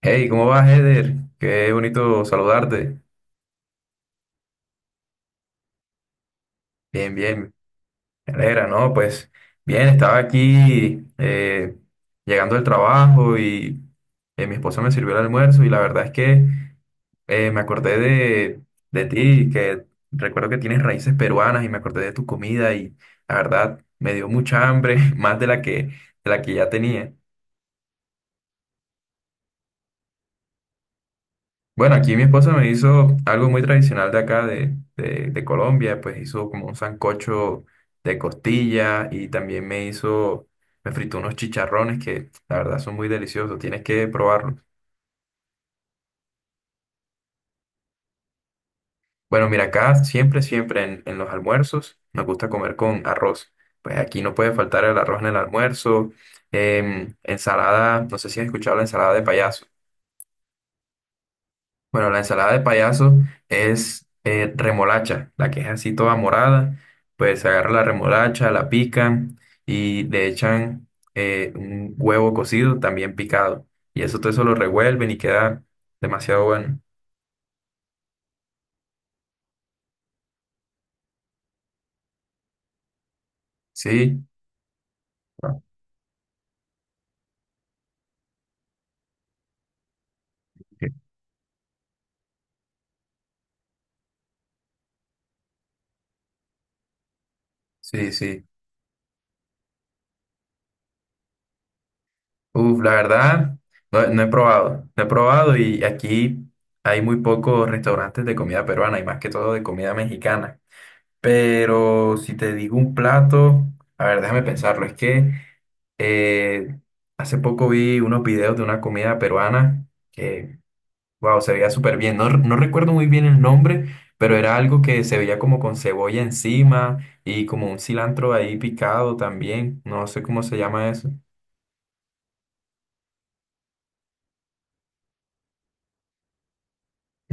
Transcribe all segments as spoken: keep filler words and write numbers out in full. Hey, ¿cómo vas, Eder? Qué bonito saludarte. Bien, bien, me alegra, ¿no? Pues bien, estaba aquí eh, llegando del trabajo y eh, mi esposa me sirvió el almuerzo y la verdad es que eh, me acordé de, de ti, que recuerdo que tienes raíces peruanas y me acordé de tu comida y la verdad me dio mucha hambre, más de la que, de la que ya tenía. Bueno, aquí mi esposa me hizo algo muy tradicional de acá, de, de, de Colombia, pues hizo como un sancocho de costilla y también me hizo, me fritó unos chicharrones que la verdad son muy deliciosos, tienes que probarlos. Bueno, mira, acá siempre, siempre en, en los almuerzos nos gusta comer con arroz. Pues aquí no puede faltar el arroz en el almuerzo, em, ensalada, no sé si has escuchado la ensalada de payaso. Bueno, la ensalada de payaso es eh, remolacha, la que es así toda morada. Pues se agarra la remolacha, la pican y le echan eh, un huevo cocido también picado. Y eso todo eso lo revuelven y queda demasiado bueno. Sí. Ah, ok. Sí, sí. Uf, la verdad, no, no he probado. No he probado y aquí hay muy pocos restaurantes de comida peruana y más que todo de comida mexicana. Pero si te digo un plato, a ver, déjame pensarlo. Es que eh, hace poco vi unos videos de una comida peruana que, wow, se veía súper bien. No, r- no recuerdo muy bien el nombre, pero era algo que se veía como con cebolla encima y como un cilantro ahí picado también. No sé cómo se llama eso.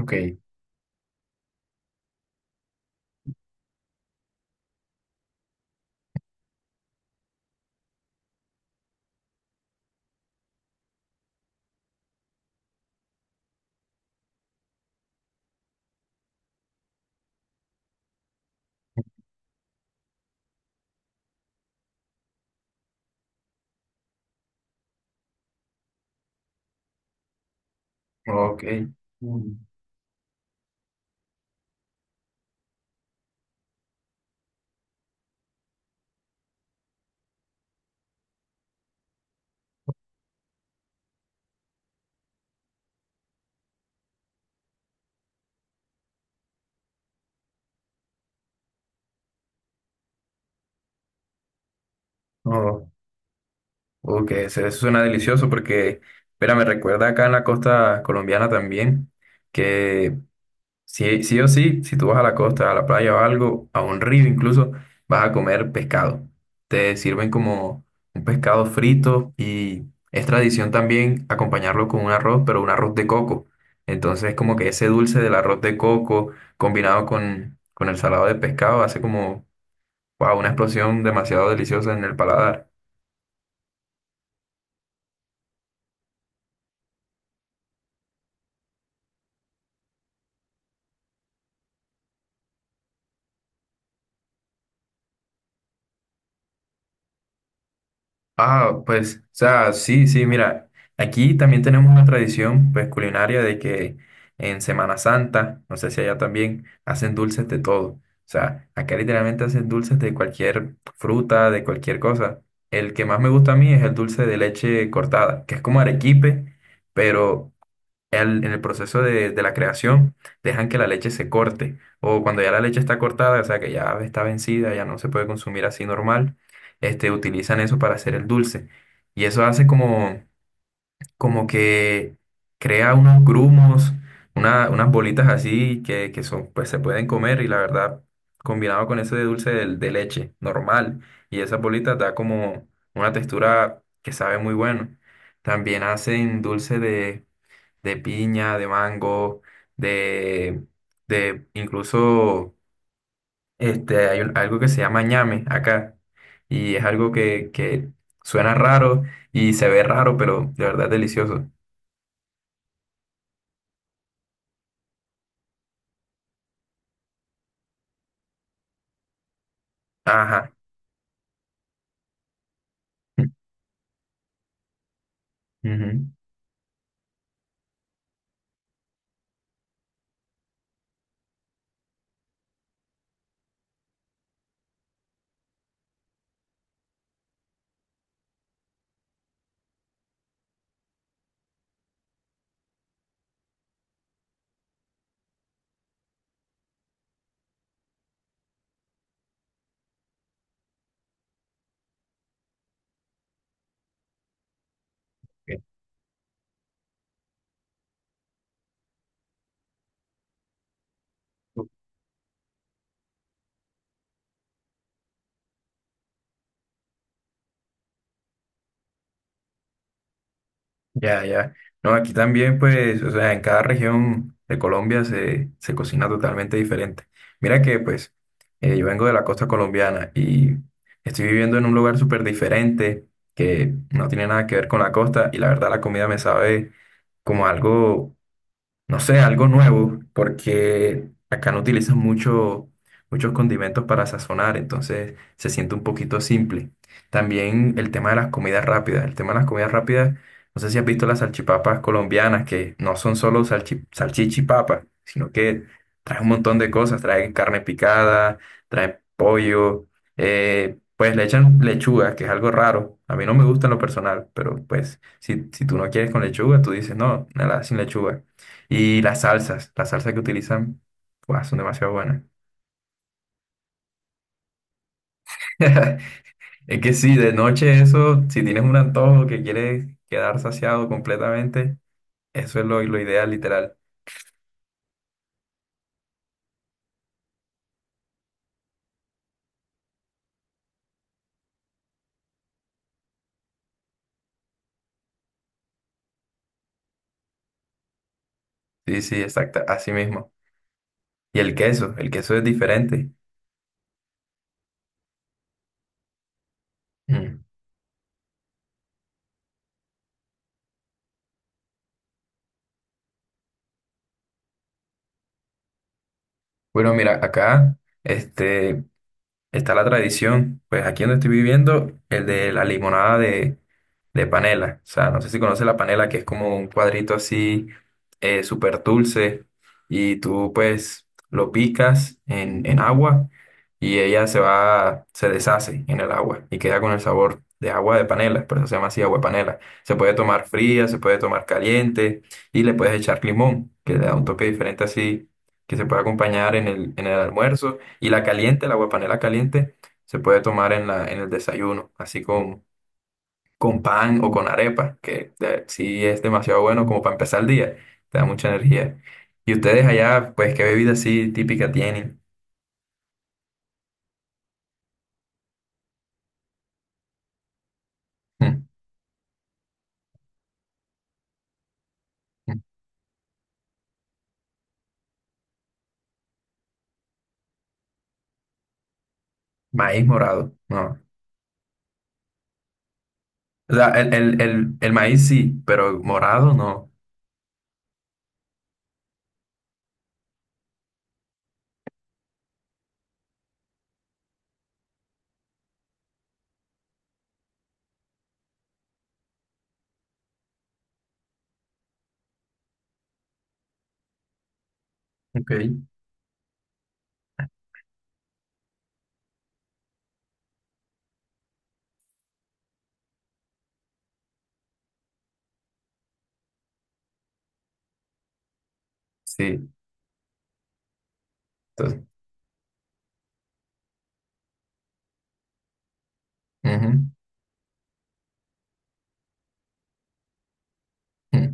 Ok, ok. Mm. Oh, ok, eso eso suena delicioso porque, espera, me recuerda acá en la costa colombiana también. Que Sí, sí o sí, si tú vas a la costa, a la playa o algo, a un río incluso, vas a comer pescado. Te sirven como un pescado frito y es tradición también acompañarlo con un arroz, pero un arroz de coco. Entonces, como que ese dulce del arroz de coco combinado con, con el salado de pescado hace como, wow, una explosión demasiado deliciosa en el paladar. Ah, pues, o sea, sí, sí, mira, aquí también tenemos una tradición, pues, culinaria de que en Semana Santa, no sé si allá también, hacen dulces de todo. O sea, acá literalmente hacen dulces de cualquier fruta, de cualquier cosa. El que más me gusta a mí es el dulce de leche cortada, que es como arequipe, pero al- en el proceso de, de la creación dejan que la leche se corte o cuando ya la leche está cortada, o sea que ya está vencida, ya no se puede consumir así normal, este, utilizan eso para hacer el dulce. Y eso hace como, como que crea unos grumos, una- unas bolitas así que, que son, pues se pueden comer y la verdad, combinado con ese de dulce de, de leche normal y esas bolitas da como una textura que sabe muy bueno. También hacen dulce de piña, de mango, de, de incluso este, hay un- algo que se llama ñame acá. Y es algo que, que suena raro y se ve raro, pero de verdad es delicioso. Ajá. Ujú. Ya, ya. No, aquí también, pues, o sea, en cada región de Colombia se, se cocina totalmente diferente. Mira que, pues, eh, yo vengo de la costa colombiana y estoy viviendo en un lugar súper diferente que no tiene nada que ver con la costa y la verdad la comida me sabe como algo no sé, algo nuevo, porque acá no utilizan mucho, muchos condimentos para sazonar, entonces se siente un poquito simple. También el tema de las comidas rápidas. El tema de las comidas rápidas, no sé si has visto las salchipapas colombianas, que no son solo salchi, salchicha y papa, sino que traen un montón de cosas, traen carne picada, traen pollo, eh, pues le echan lechuga, que es algo raro. A mí no me gusta en lo personal, pero pues si, si tú no quieres con lechuga, tú dices, no, nada, sin lechuga. Y las salsas, las salsas que utilizan, guau, son demasiado buenas. Es que sí, de noche eso, si tienes un antojo que quieres quedar saciado completamente, eso es lo, lo ideal, literal. Sí, sí, exacto, así mismo. Y el queso, el queso es diferente. Mm. Bueno, mira, acá, este, está la tradición, pues aquí donde estoy viviendo, el de la limonada de, de panela. O sea, no sé si conoces la panela, que es como un cuadrito así eh, súper dulce y tú pues lo picas en, en agua y ella se va, se deshace en el agua y queda con el sabor de agua de panela, por eso se llama así agua de panela. Se puede tomar fría, se puede tomar caliente y le puedes echar limón, que le da un toque diferente así, que se puede acompañar en el, en el almuerzo. Y la caliente, la aguapanela caliente, se puede tomar en la, en el desayuno, así con, con pan o con arepa, que de- sí es demasiado bueno como para empezar el día, te da mucha energía. Y ustedes allá, pues, ¿qué bebida así típica tienen? Mm, mm. Maíz morado, no. O sea, el, el, el, el maíz sí, pero morado no. Ok. Sí, entonces, ujú.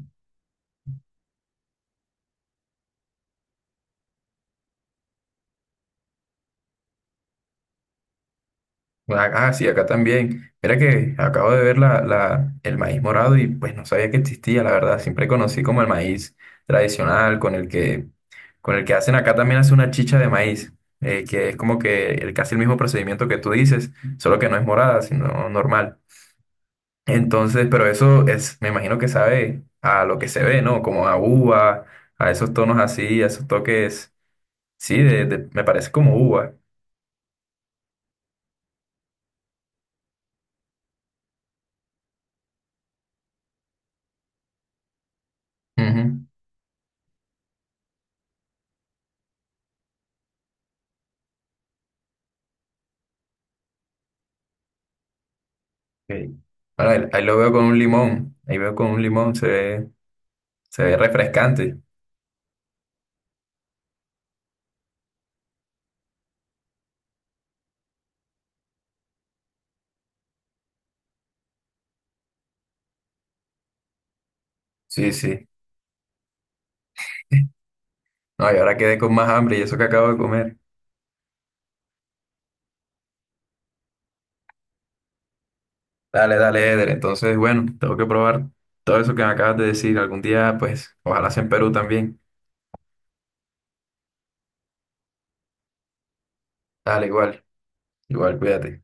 Ah, ah, sí, acá también. Mira que acabo de ver la, la- el maíz morado y pues no sabía que existía, la verdad. Siempre conocí como el maíz tradicional con el que, con el que hacen acá también hace una chicha de maíz, eh, que es como que el, casi el mismo procedimiento que tú dices, solo que no es morada, sino normal. Entonces, pero eso es, me imagino que sabe a lo que se ve, ¿no? Como a uva, a esos tonos así, a esos toques, sí, de, de- me parece como uva. Ok. Bueno, ahí, ahí lo veo con un limón. Ahí veo con un limón, se ve, se ve refrescante. Sí, sí. No, y ahora quedé con más hambre y eso que acabo de comer. Dale, dale, Eder. Entonces, bueno, tengo que probar todo eso que me acabas de decir. Algún día, pues, ojalá sea en Perú también. Dale, igual, igual, cuídate.